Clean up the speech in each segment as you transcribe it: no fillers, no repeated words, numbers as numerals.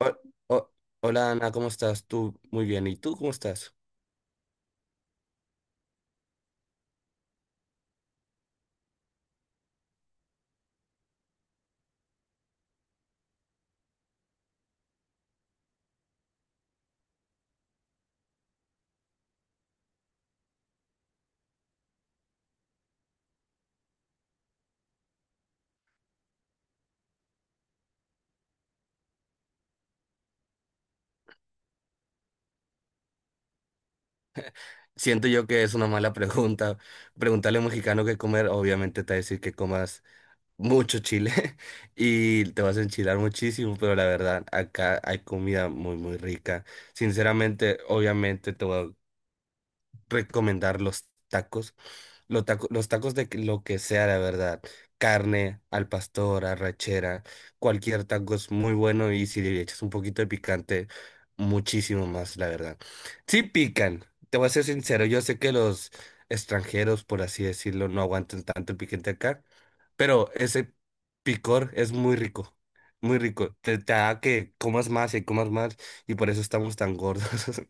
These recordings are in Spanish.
Ho- ho- Hola Ana, ¿cómo estás? Tú muy bien. ¿Y tú cómo estás? Siento yo que es una mala pregunta. Preguntarle a un mexicano qué comer, obviamente te va a decir que comas mucho chile y te vas a enchilar muchísimo, pero la verdad, acá hay comida muy, muy rica. Sinceramente, obviamente te voy recomendar los tacos. Los tacos, los tacos de lo que sea, la verdad. Carne, al pastor, arrachera, cualquier taco es muy bueno y si le echas un poquito de picante, muchísimo más, la verdad. Sí pican, te voy a ser sincero, yo sé que los extranjeros, por así decirlo, no aguantan tanto el picante acá, pero ese picor es muy rico, muy rico. Te da que comas más y por eso estamos tan gordos.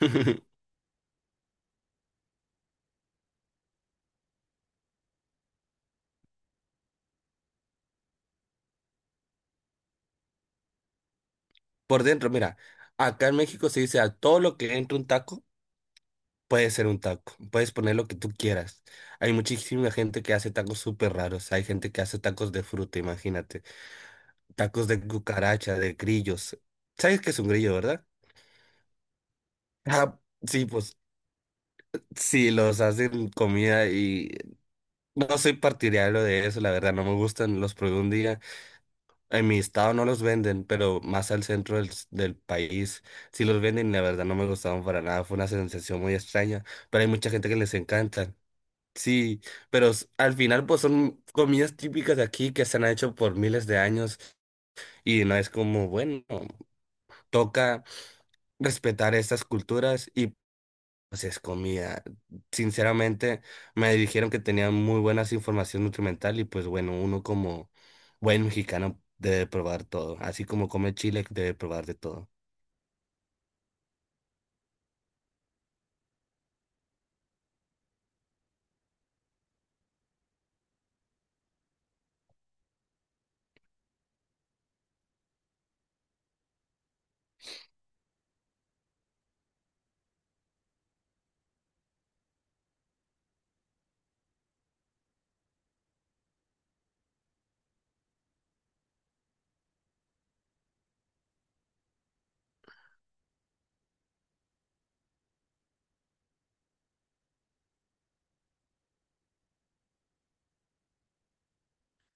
Por dentro, mira, acá en México se dice a todo lo que entra un taco puede ser un taco, puedes poner lo que tú quieras. Hay muchísima gente que hace tacos súper raros, hay gente que hace tacos de fruta, imagínate, tacos de cucaracha, de grillos. ¿Sabes qué es un grillo, verdad? Ah, sí, pues sí, los hacen comida y no soy partidario de eso, la verdad, no me gustan, los probé un día. En mi estado no los venden, pero más al centro del país sí los venden y la verdad no me gustaron para nada. Fue una sensación muy extraña, pero hay mucha gente que les encantan. Sí, pero al final pues son comidas típicas de aquí que se han hecho por miles de años y no es como, bueno, toca respetar estas culturas y pues es comida. Sinceramente, me dijeron que tenían muy buenas información nutrimental y pues bueno, uno como buen mexicano debe probar todo, así como come chile debe probar de todo.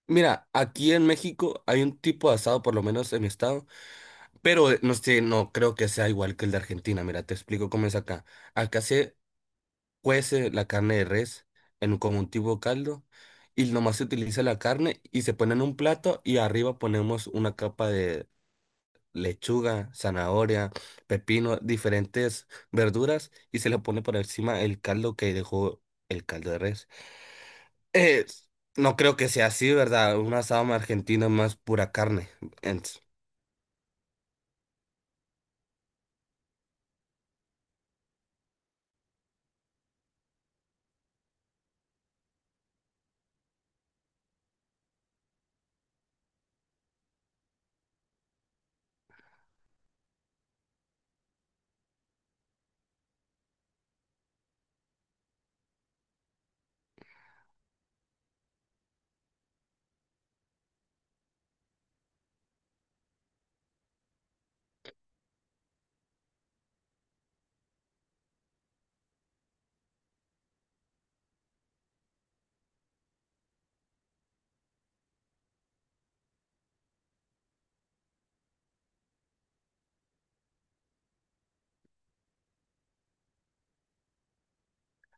Mira, aquí en México hay un tipo de asado, por lo menos en mi estado, pero no sé, no creo que sea igual que el de Argentina. Mira, te explico cómo es acá. Acá se cuece la carne de res en como un tipo caldo y nomás se utiliza la carne y se pone en un plato y arriba ponemos una capa lechuga, zanahoria, pepino, diferentes verduras y se le pone por encima el caldo que dejó el caldo de res. Eh, no creo que sea así, ¿verdad? Un asado argentino es más pura carne. Ents-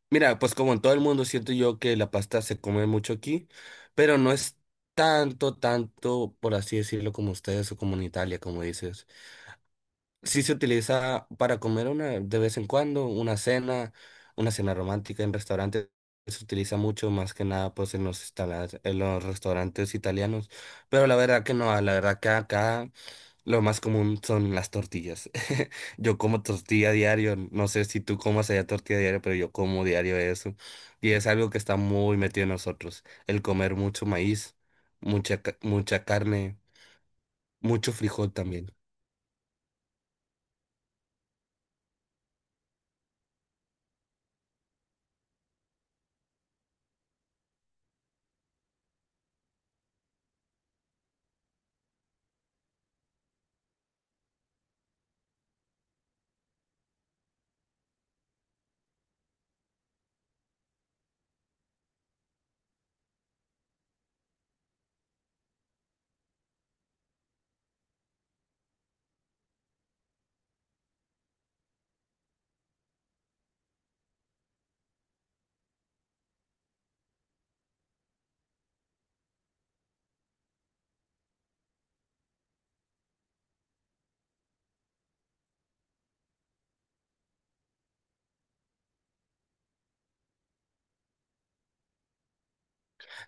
Mira, pues como en todo el mundo siento yo que la pasta se come mucho aquí, pero no es tanto, por así decirlo, como ustedes o como en Italia, como dices. Sí se utiliza para comer una de vez en cuando, una cena romántica en restaurantes. Se utiliza mucho más que nada pues en los en los restaurantes italianos. Pero la verdad que no, la verdad que acá lo más común son las tortillas. Yo como tortilla diario, no sé si tú comas allá tortilla diario, pero yo como diario eso. Y es algo que está muy metido en nosotros, el comer mucho maíz, mucha, mucha carne, mucho frijol también.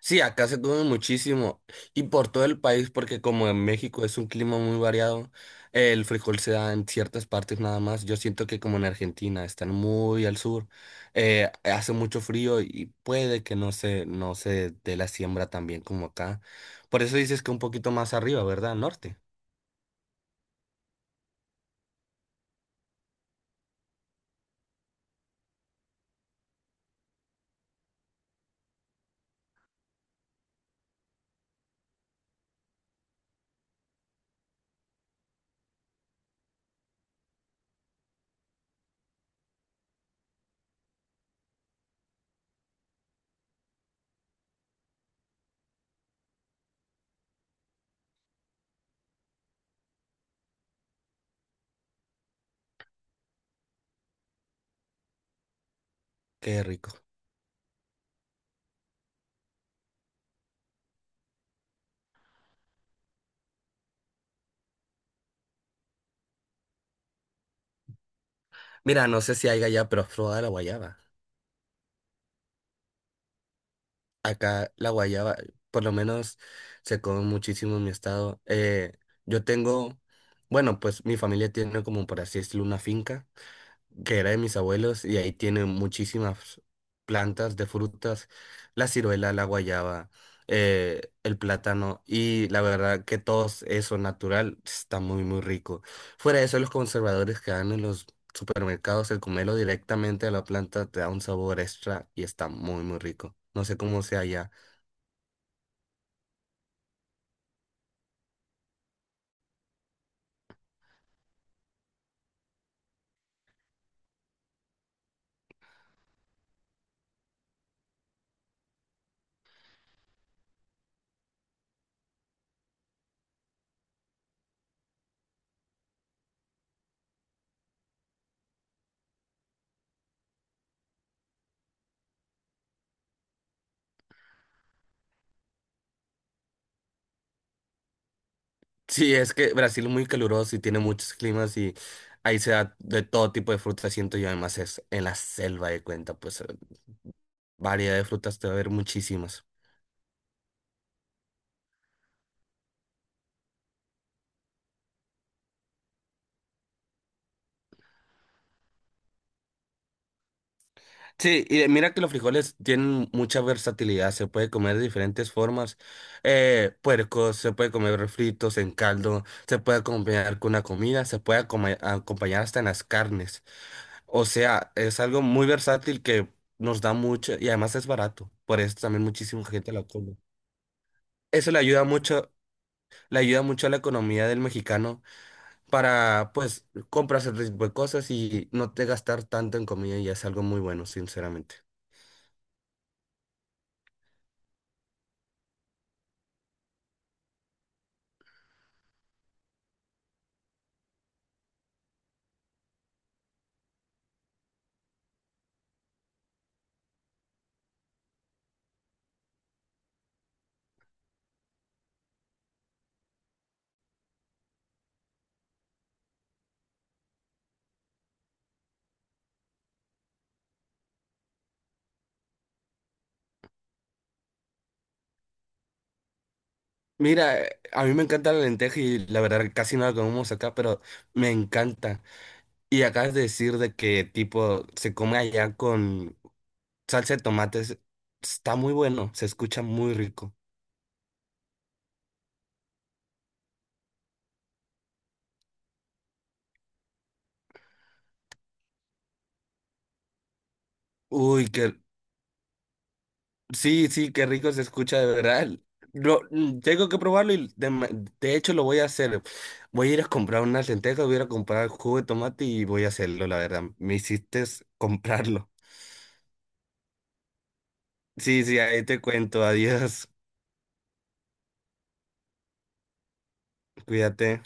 Sí, acá se come muchísimo y por todo el país, porque como en México es un clima muy variado, el frijol se da en ciertas partes nada más. Yo siento que como en Argentina están muy al sur, hace mucho frío y puede que no se dé la siembra tan bien como acá. Por eso dices que un poquito más arriba, ¿verdad? Norte. Qué rico. Mira, no sé si hay allá, pero has probado la guayaba. Acá la guayaba, por lo menos se come muchísimo en mi estado. Yo tengo, bueno, pues mi familia tiene como por así decirlo una finca que era de mis abuelos y ahí tienen muchísimas plantas de frutas, la ciruela, la guayaba, el plátano y la verdad que todo eso natural está muy muy rico. Fuera de eso, los conservadores que dan en los supermercados, el comerlo directamente a la planta te da un sabor extra y está muy muy rico. No sé cómo sea allá. Sí, es que Brasil es muy caluroso y tiene muchos climas y ahí se da de todo tipo de frutas, siento yo. Además es en la selva de cuenta, pues variedad de frutas te va a haber muchísimas. Sí, y mira que los frijoles tienen mucha versatilidad, se puede comer de diferentes formas. Puercos, se puede comer fritos en caldo, se puede acompañar con una comida, se puede acompañar hasta en las carnes. O sea, es algo muy versátil que nos da mucho y además es barato. Por eso también muchísima gente lo come. Eso le ayuda mucho a la economía del mexicano para, pues, comprarse otro tipo de cosas y no te gastar tanto en comida y es algo muy bueno, sinceramente. Mira, a mí me encanta la lenteja y la verdad casi no la comemos acá, pero me encanta. Y acabas de decir de que tipo se come allá con salsa de tomates. Está muy bueno, se escucha muy rico. Uy, que Sí, sí, qué rico se escucha de verdad. Tengo que probarlo y de hecho lo voy a hacer. Voy a ir a comprar unas lentejas, voy a ir a comprar jugo de tomate y voy a hacerlo, la verdad. Me hiciste comprarlo. Sí, sí, ahí te cuento. Adiós. Cuídate.